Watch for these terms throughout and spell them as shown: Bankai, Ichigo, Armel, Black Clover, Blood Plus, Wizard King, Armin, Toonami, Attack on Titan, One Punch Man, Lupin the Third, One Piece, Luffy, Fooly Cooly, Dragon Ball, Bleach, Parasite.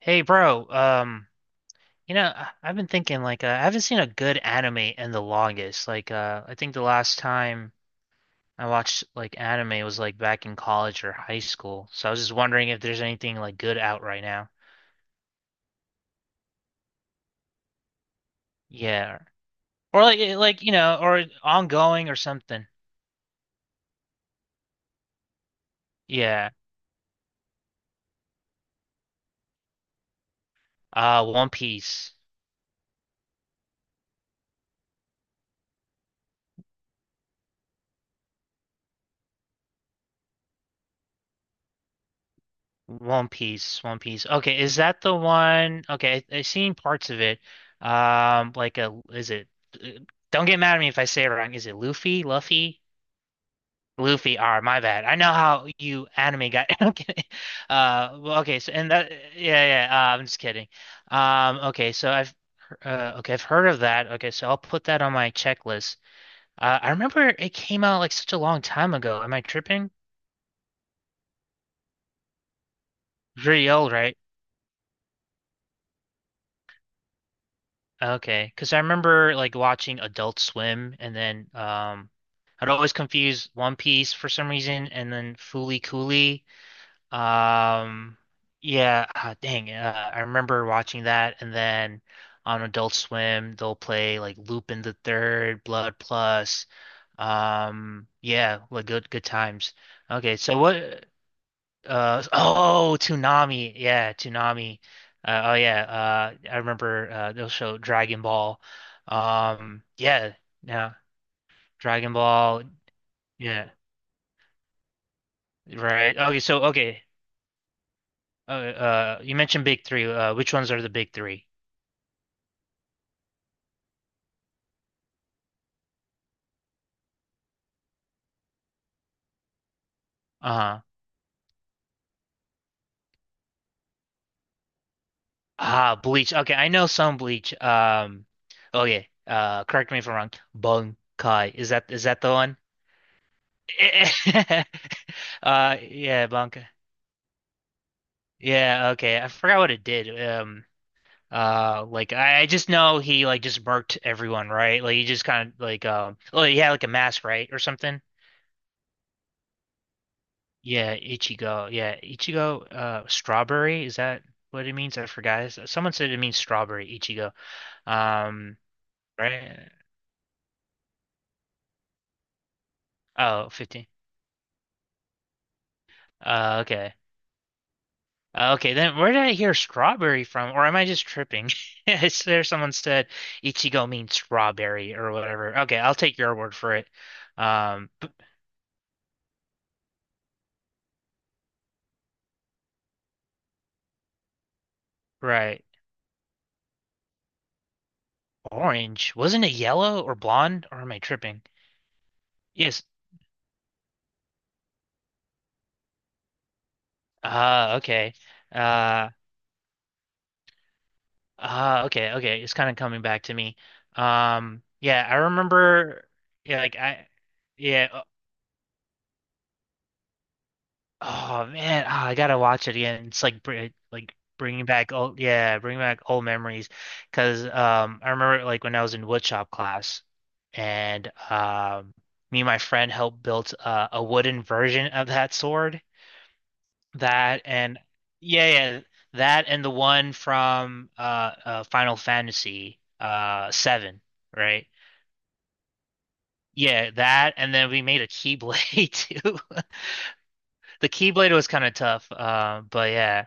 Hey, bro. I've been thinking I haven't seen a good anime in the longest. I think the last time I watched like anime was like back in college or high school. So I was just wondering if there's anything like good out right now. Yeah, or or ongoing or something. Yeah. One Piece. One Piece. One Piece. Okay, is that the one? Okay, I've seen parts of it. Like a is it? Uh, Don't get mad at me if I say it wrong. Is it Luffy? Luffy? Luffy R, my bad. I know how you anime guy. I'm kidding. Well, okay, so and that, yeah, yeah, yeah. I'm just kidding. Um, okay, so I've, okay, I've heard of that. Okay, so I'll put that on my checklist. I remember it came out like such a long time ago. Am I tripping? Pretty old, right? Okay, because I remember like watching Adult Swim, and then I'd always confuse One Piece for some reason, and then Fooly Cooly. Um, yeah, ah, dang, I remember watching that, and then on Adult Swim, they'll play like Lupin the Third, Blood Plus. Yeah, like good times. Okay, so what? Oh, Toonami, yeah, Toonami. Oh yeah, I remember they'll show Dragon Ball. Yeah, yeah, Dragon Ball. Yeah, right. Okay, so okay. You mentioned big three. Which ones are the big three? Uh-huh. Ah, Bleach. Okay, I know some Bleach. Oh yeah. Correct me if I'm wrong. Bankai. Is that the one? Yeah, Bankai. Yeah, okay. I forgot what it did. I just know he like just murked everyone, right? Like he just kind of oh, he had like a mask, right, or something. Yeah, Ichigo. Yeah, Ichigo, strawberry, is that what it means? I forgot. Someone said it means strawberry, Ichigo. Um, right? Oh, 15. Okay. Okay, then where did I hear strawberry from? Or am I just tripping? Is there someone said Ichigo means strawberry or whatever? Okay, I'll take your word for it. Um, b- right. Orange. Wasn't it yellow or blonde? Or am I tripping? Yes. Okay. Uh, Ah, okay, okay. It's kind of coming back to me. Yeah, I remember. Yeah, like I, yeah. Oh, oh, man, ah, I gotta watch it again. It's like br Like bringing back old, yeah, bringing back old memories. Because I remember like when I was in woodshop class, and me and my friend helped build a wooden version of that sword. That and yeah, yeah, that and the one from Final Fantasy seven, right? Yeah, that, and then we made a Keyblade too. The Keyblade was kind of tough, but yeah.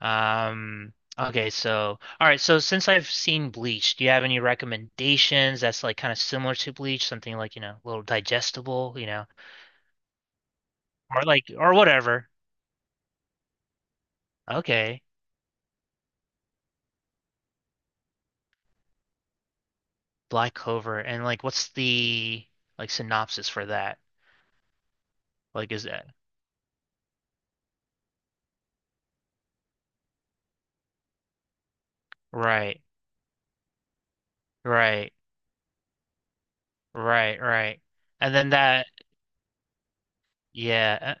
All right, so since I've seen Bleach, do you have any recommendations that's like kind of similar to Bleach, something like, you know, a little digestible, you know, or like or whatever. Okay, Black Clover, and like, what's the like synopsis for that? Like, is that right, right, right, right? And then that, yeah.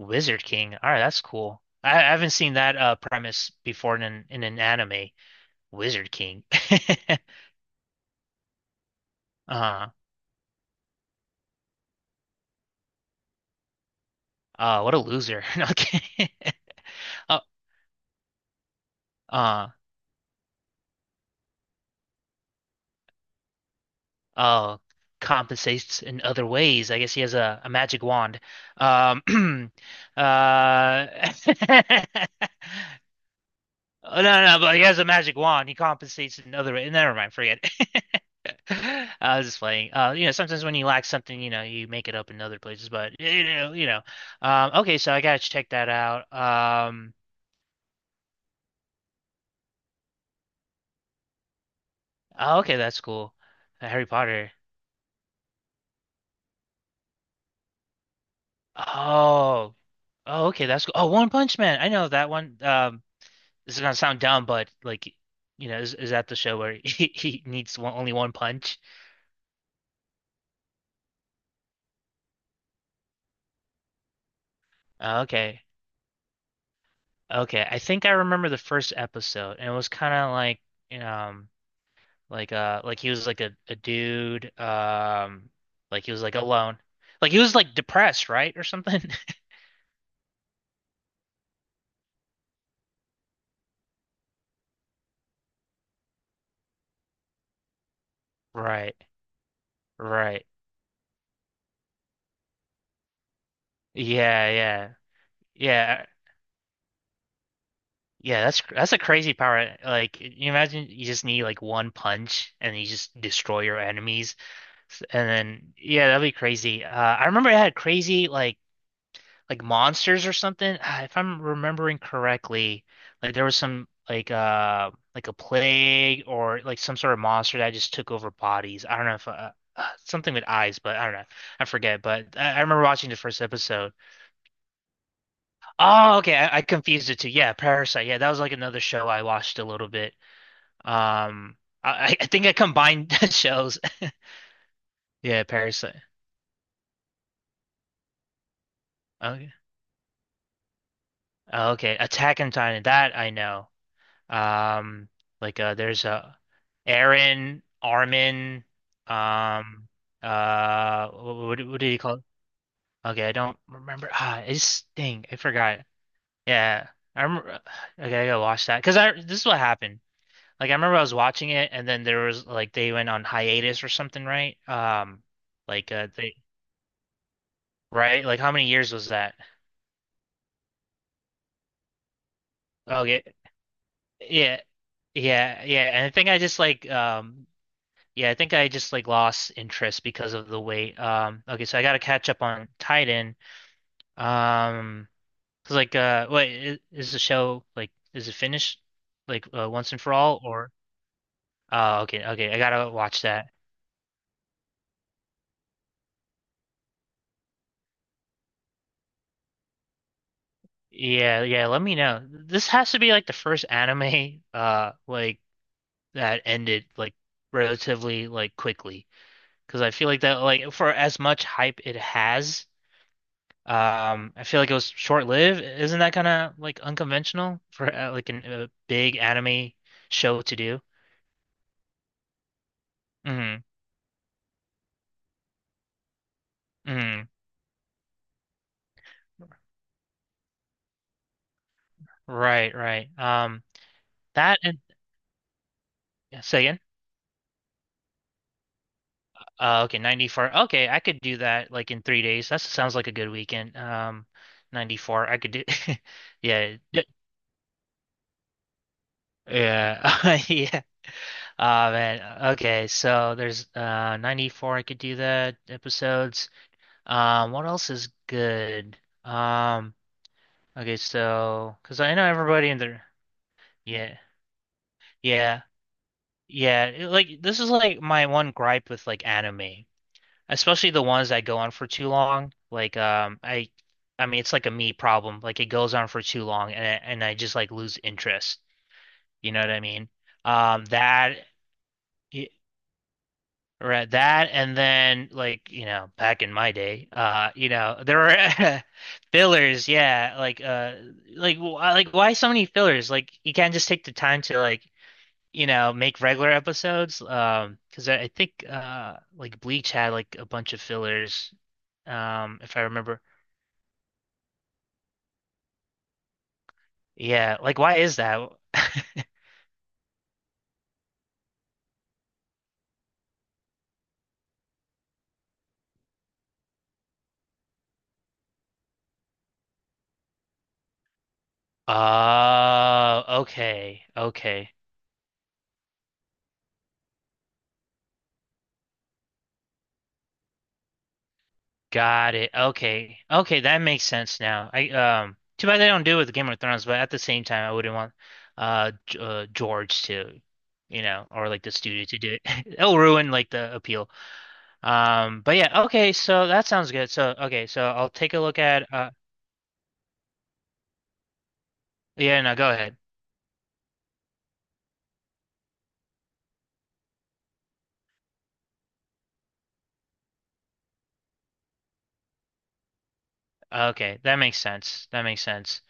Wizard King. All right, that's cool. I haven't seen that premise before in in an anime. Wizard King. Uh, what a loser. Okay. Uh, uh, uh, Compensates in other ways. I guess he has a magic wand. Um, uh, Oh, no, no, but he has a magic wand. He compensates in other ways. Never mind, forget. I was just playing. You know, sometimes when you lack something, you know, you make it up in other places. But you know, you know. Okay, so I gotta check that out. Oh, okay, that's cool. Harry Potter. Oh, oh, okay, that's cool. Oh, One Punch Man. I know that one. This is gonna sound dumb, but like, you know, is that the show where he needs only one punch? Okay, okay. I think I remember the first episode, and it was kind of like, um. Like he was like a dude, like he was like alone. Like he was like depressed, right? Or something. Right. Right. Yeah, yeah. Yeah. Yeah, that's that's a crazy power. Like you imagine you just need like one punch and you just destroy your enemies. And then yeah, that'd be crazy. I remember it had crazy like monsters or something. Ah, if I'm remembering correctly, like there was some like a plague or like some sort of monster that just took over bodies. I don't know if something with eyes, but I don't know. I forget. But I remember watching the first episode. Oh, okay. I confused it too. Yeah, Parasite. Yeah, that was like another show I watched a little bit. Um, I think I combined shows. Yeah, Parasite. Okay. Okay. Attack on Titan. That I know. Um, like there's a Aaron, Armin, um, what do you call it? Okay, I don't remember. Ah, it's thing. I forgot. Yeah, I remember. Okay, I gotta watch that because I this is what happened. Like I remember I was watching it, and then there was like they went on hiatus or something, right? Like they Right? Like how many years was that? Okay, yeah, yeah, yeah. And I think I just yeah, I think I just like lost interest because of the weight. Okay, so I got to catch up on Titan. Um, 'Cause, like, what is the show like? Is it finished once and for all, or? Oh, okay, okay, I gotta watch that. Yeah, yeah. Let me know. This has to be like the first anime, like that ended like relatively like quickly, because I feel like that like for as much hype it has. I feel like it was short-lived. Isn't that kind of like unconventional for a big anime show to do? Mm, mm, right, right. That and yeah, say again. Okay, 94. Okay, I could do that like in 3 days. That sounds like a good weekend. 94. I could do. Yeah, yeah, yeah. Yeah. Oh man. Okay, so there's 94. I could do that episodes. What else is good? Um. Okay, so because I know everybody in there. Yeah, yeah, yeah. Like this is like my one gripe with like anime, especially the ones that go on for too long. I mean, it's like a me problem. Like it goes on for too long, and I just like lose interest. You know what I mean? Um, that. y- Right, that and then like you know back in my day you know there were fillers yeah like why so many fillers like you can't just take the time to like you know, make regular episodes. I think like Bleach had like a bunch of fillers, if I remember. Yeah, like why is that? Oh, okay, okay. Got it. Okay. Okay, that makes sense now. I Too bad they don't do it with Game of Thrones, but at the same time I wouldn't want G George to, you know, or like the studio to do it. It'll ruin like the appeal. But Yeah, okay, so that sounds good. So okay, so I'll take a look at yeah, no, go ahead. Okay, that makes sense. That makes sense.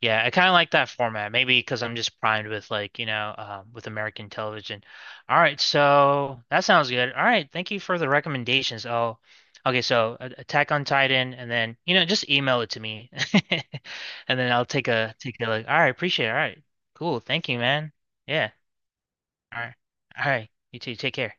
Yeah, I kind of like that format. Maybe because I'm just primed with like, you know, with American television. All right, so that sounds good. All right, thank you for the recommendations. Oh, okay, so Attack on Titan, and then you know, just email it to me, and then I'll take a take a look. All right, appreciate it. All right, cool. Thank you, man. Yeah. All right. All right. You too. Take care.